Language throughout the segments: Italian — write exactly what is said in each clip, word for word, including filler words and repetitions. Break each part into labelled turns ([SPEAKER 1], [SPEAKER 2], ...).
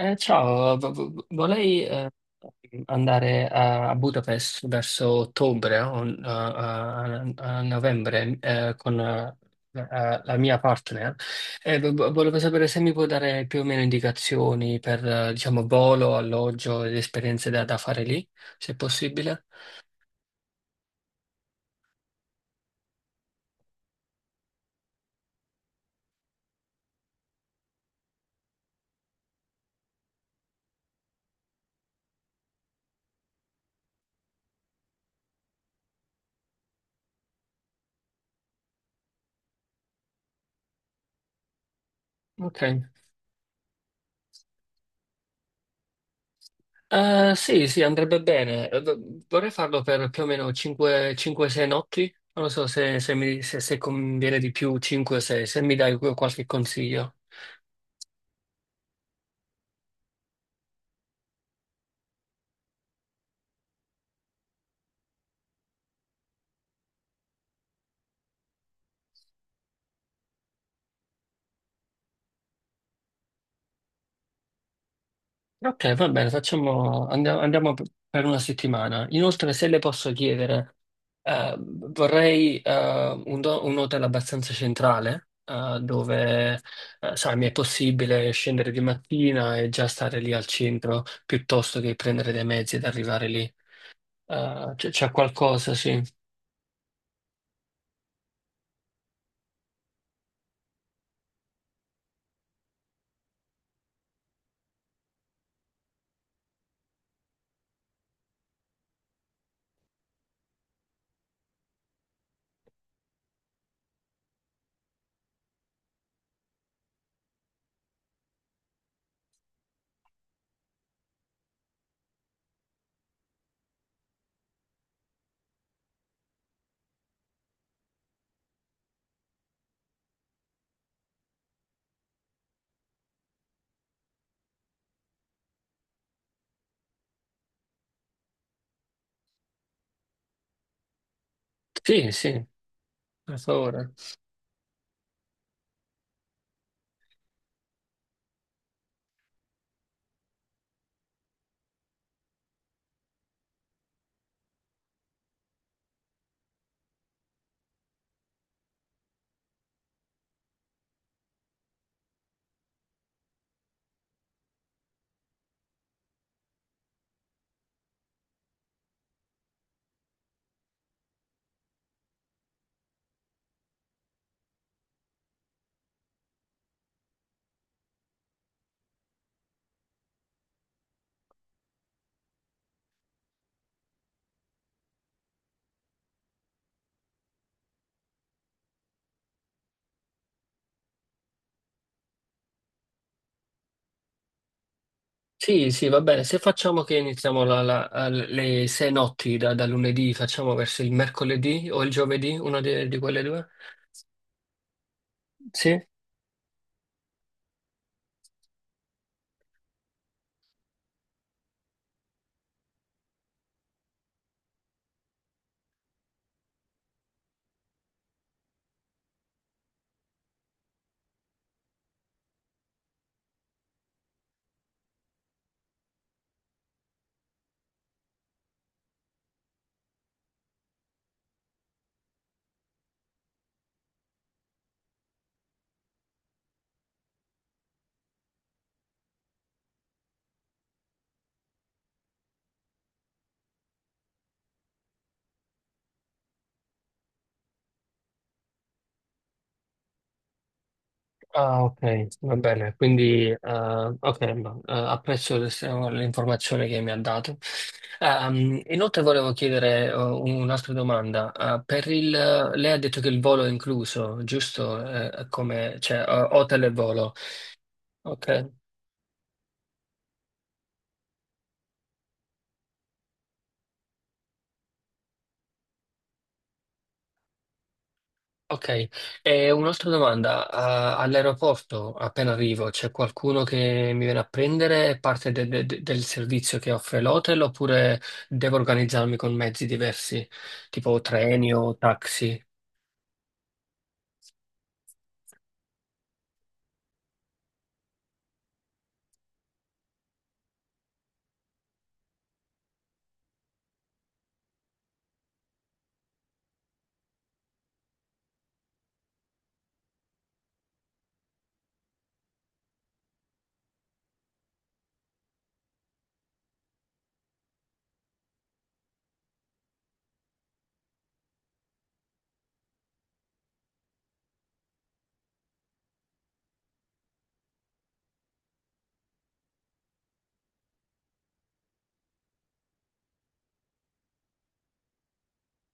[SPEAKER 1] Eh, ciao, v- v- vorrei eh, andare a, a Budapest verso ottobre o eh, a, a- a novembre eh, con eh, la, la mia partner. E v- v- volevo sapere se mi può dare più o meno indicazioni per eh, diciamo, volo, alloggio ed esperienze da, da fare lì, se possibile. Ok. Eh, sì, sì, andrebbe bene. Eh, do- Vorrei farlo per più o meno cinque sei notti. Non so se, se mi, se, se conviene di più cinque sei, se mi dai qualche consiglio. Ok, va bene, facciamo, andiamo, andiamo per una settimana. Inoltre, se le posso chiedere, eh, vorrei eh, un, do- un hotel abbastanza centrale, eh, dove, eh, sai, mi è possibile scendere di mattina e già stare lì al centro, piuttosto che prendere dei mezzi ed arrivare lì. Ah, c'è c'è qualcosa, sì. Sì, sì, per favore. Sì, sì, va bene. Se facciamo che iniziamo la- la- le sei notti da, da lunedì, facciamo verso il mercoledì o il giovedì, una di, di quelle due? Sì? Ah, ok, va bene. Quindi, eh, ok, ma, eh, apprezzo le- l'informazione che mi ha dato. Ehm, inoltre volevo chiedere eh, un'altra domanda. Eh, per il, lei ha detto che il volo è incluso, giusto? Eh, come, cioè, eh, hotel e volo. Ok. Ok, e un'altra domanda. A- all'aeroporto, appena arrivo, c'è qualcuno che mi viene a prendere? È parte de- de- de- del servizio che offre l'hotel oppure devo organizzarmi con mezzi diversi, tipo treni o taxi?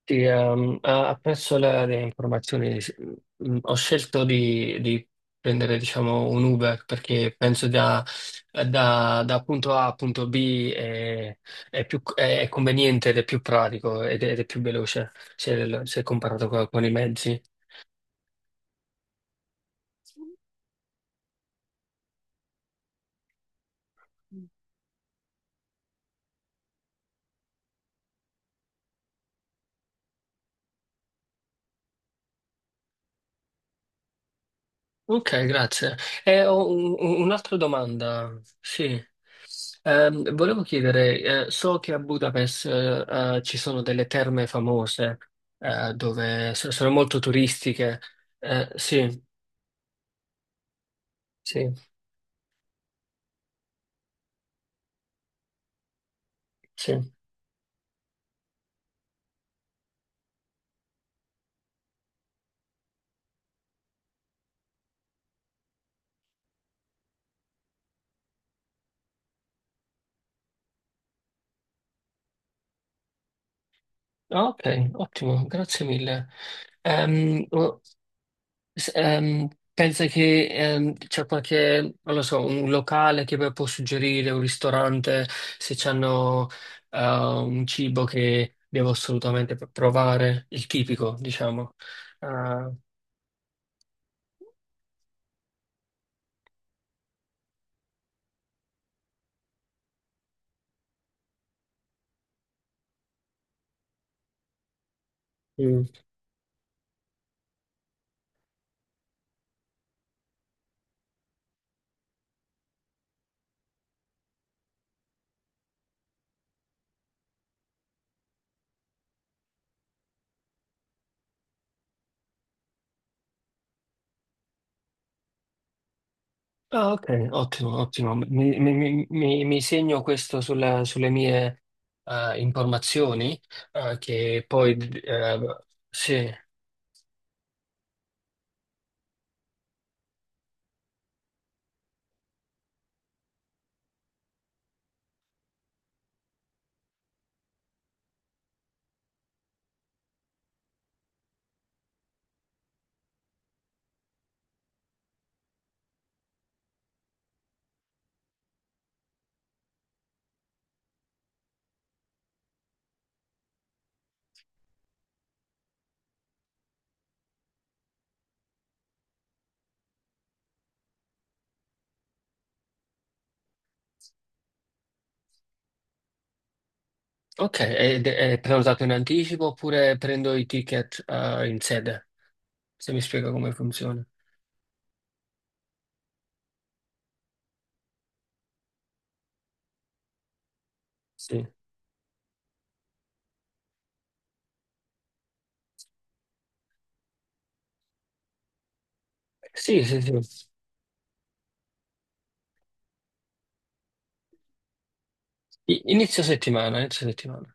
[SPEAKER 1] Sì, ehm, a- apprezzo la- le informazioni. Sì. Mm, Ho scelto di, di prendere, diciamo, un Uber perché penso da, da- da punto A a punto B è, è più, è è conveniente ed è più pratico ed è, ed è più veloce se, se comparato co- con, i mezzi. Ok, grazie. E ho un- un- un'altra domanda. Sì. Ehm, volevo chiedere, eh, so che a Budapest, eh, eh, ci sono delle terme famose, eh, dove so- sono molto turistiche. Eh, sì, sì, sì. Ah, ok, ottimo, grazie mille. Ehm, S- ehm, Pensa che ehm, c'è qualche, non lo so, un locale che può suggerire, un ristorante, se hanno un cibo che devo assolutamente pr- provare, il tipico, diciamo. Mm. Mm. Ah, ah, ok, ottimo, ottimo. Mi, mi- mi- mi- mi segno questo sulla- sulle mie eh, informazioni, eh, che poi eh, sì. Ok, ed è prenotato in anticipo oppure prendo i ticket eh, in sede? Se mi spiega come funziona. Sì, sì, sì. Sì. I- Inizio settimana, inizio settimana.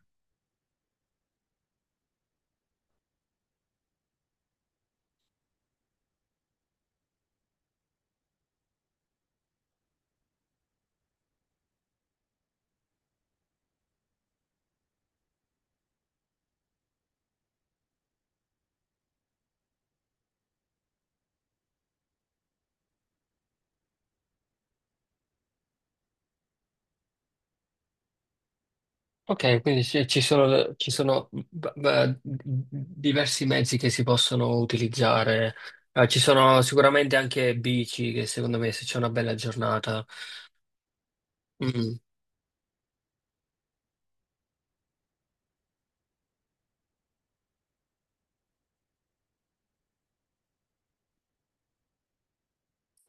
[SPEAKER 1] Ok, quindi ci ci sono, ci sono b- b- diversi mezzi che si possono utilizzare. Eh, ci sono sicuramente anche bici che secondo me se c'è una bella giornata. mm,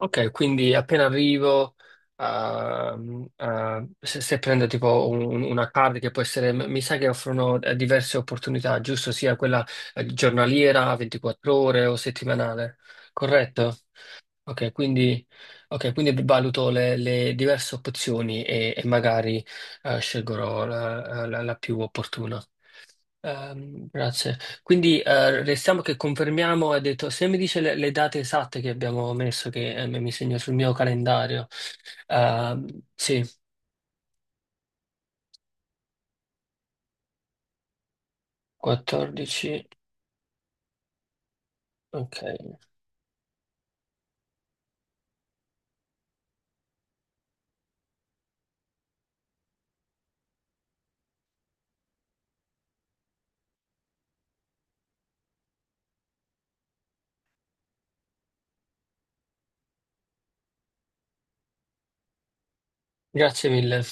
[SPEAKER 1] Ok, quindi appena arrivo, ehm, eh, se, se prendo tipo un- una card che può essere, mi sa che offrono eh, diverse opportunità, giusto? Sia quella eh, giornaliera, ventiquattro ore o settimanale, corretto? Ok, quindi, ok, quindi valuto le, le diverse opzioni e, e magari eh, scelgo la la- la più opportuna. Ehm, grazie. Quindi eh, restiamo che confermiamo, ha detto, se mi dice le, le date esatte che abbiamo messo, che eh, mi segno sul mio calendario. Ehm, sì, quattordici. Ok, grazie mille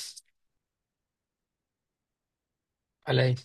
[SPEAKER 1] a lei.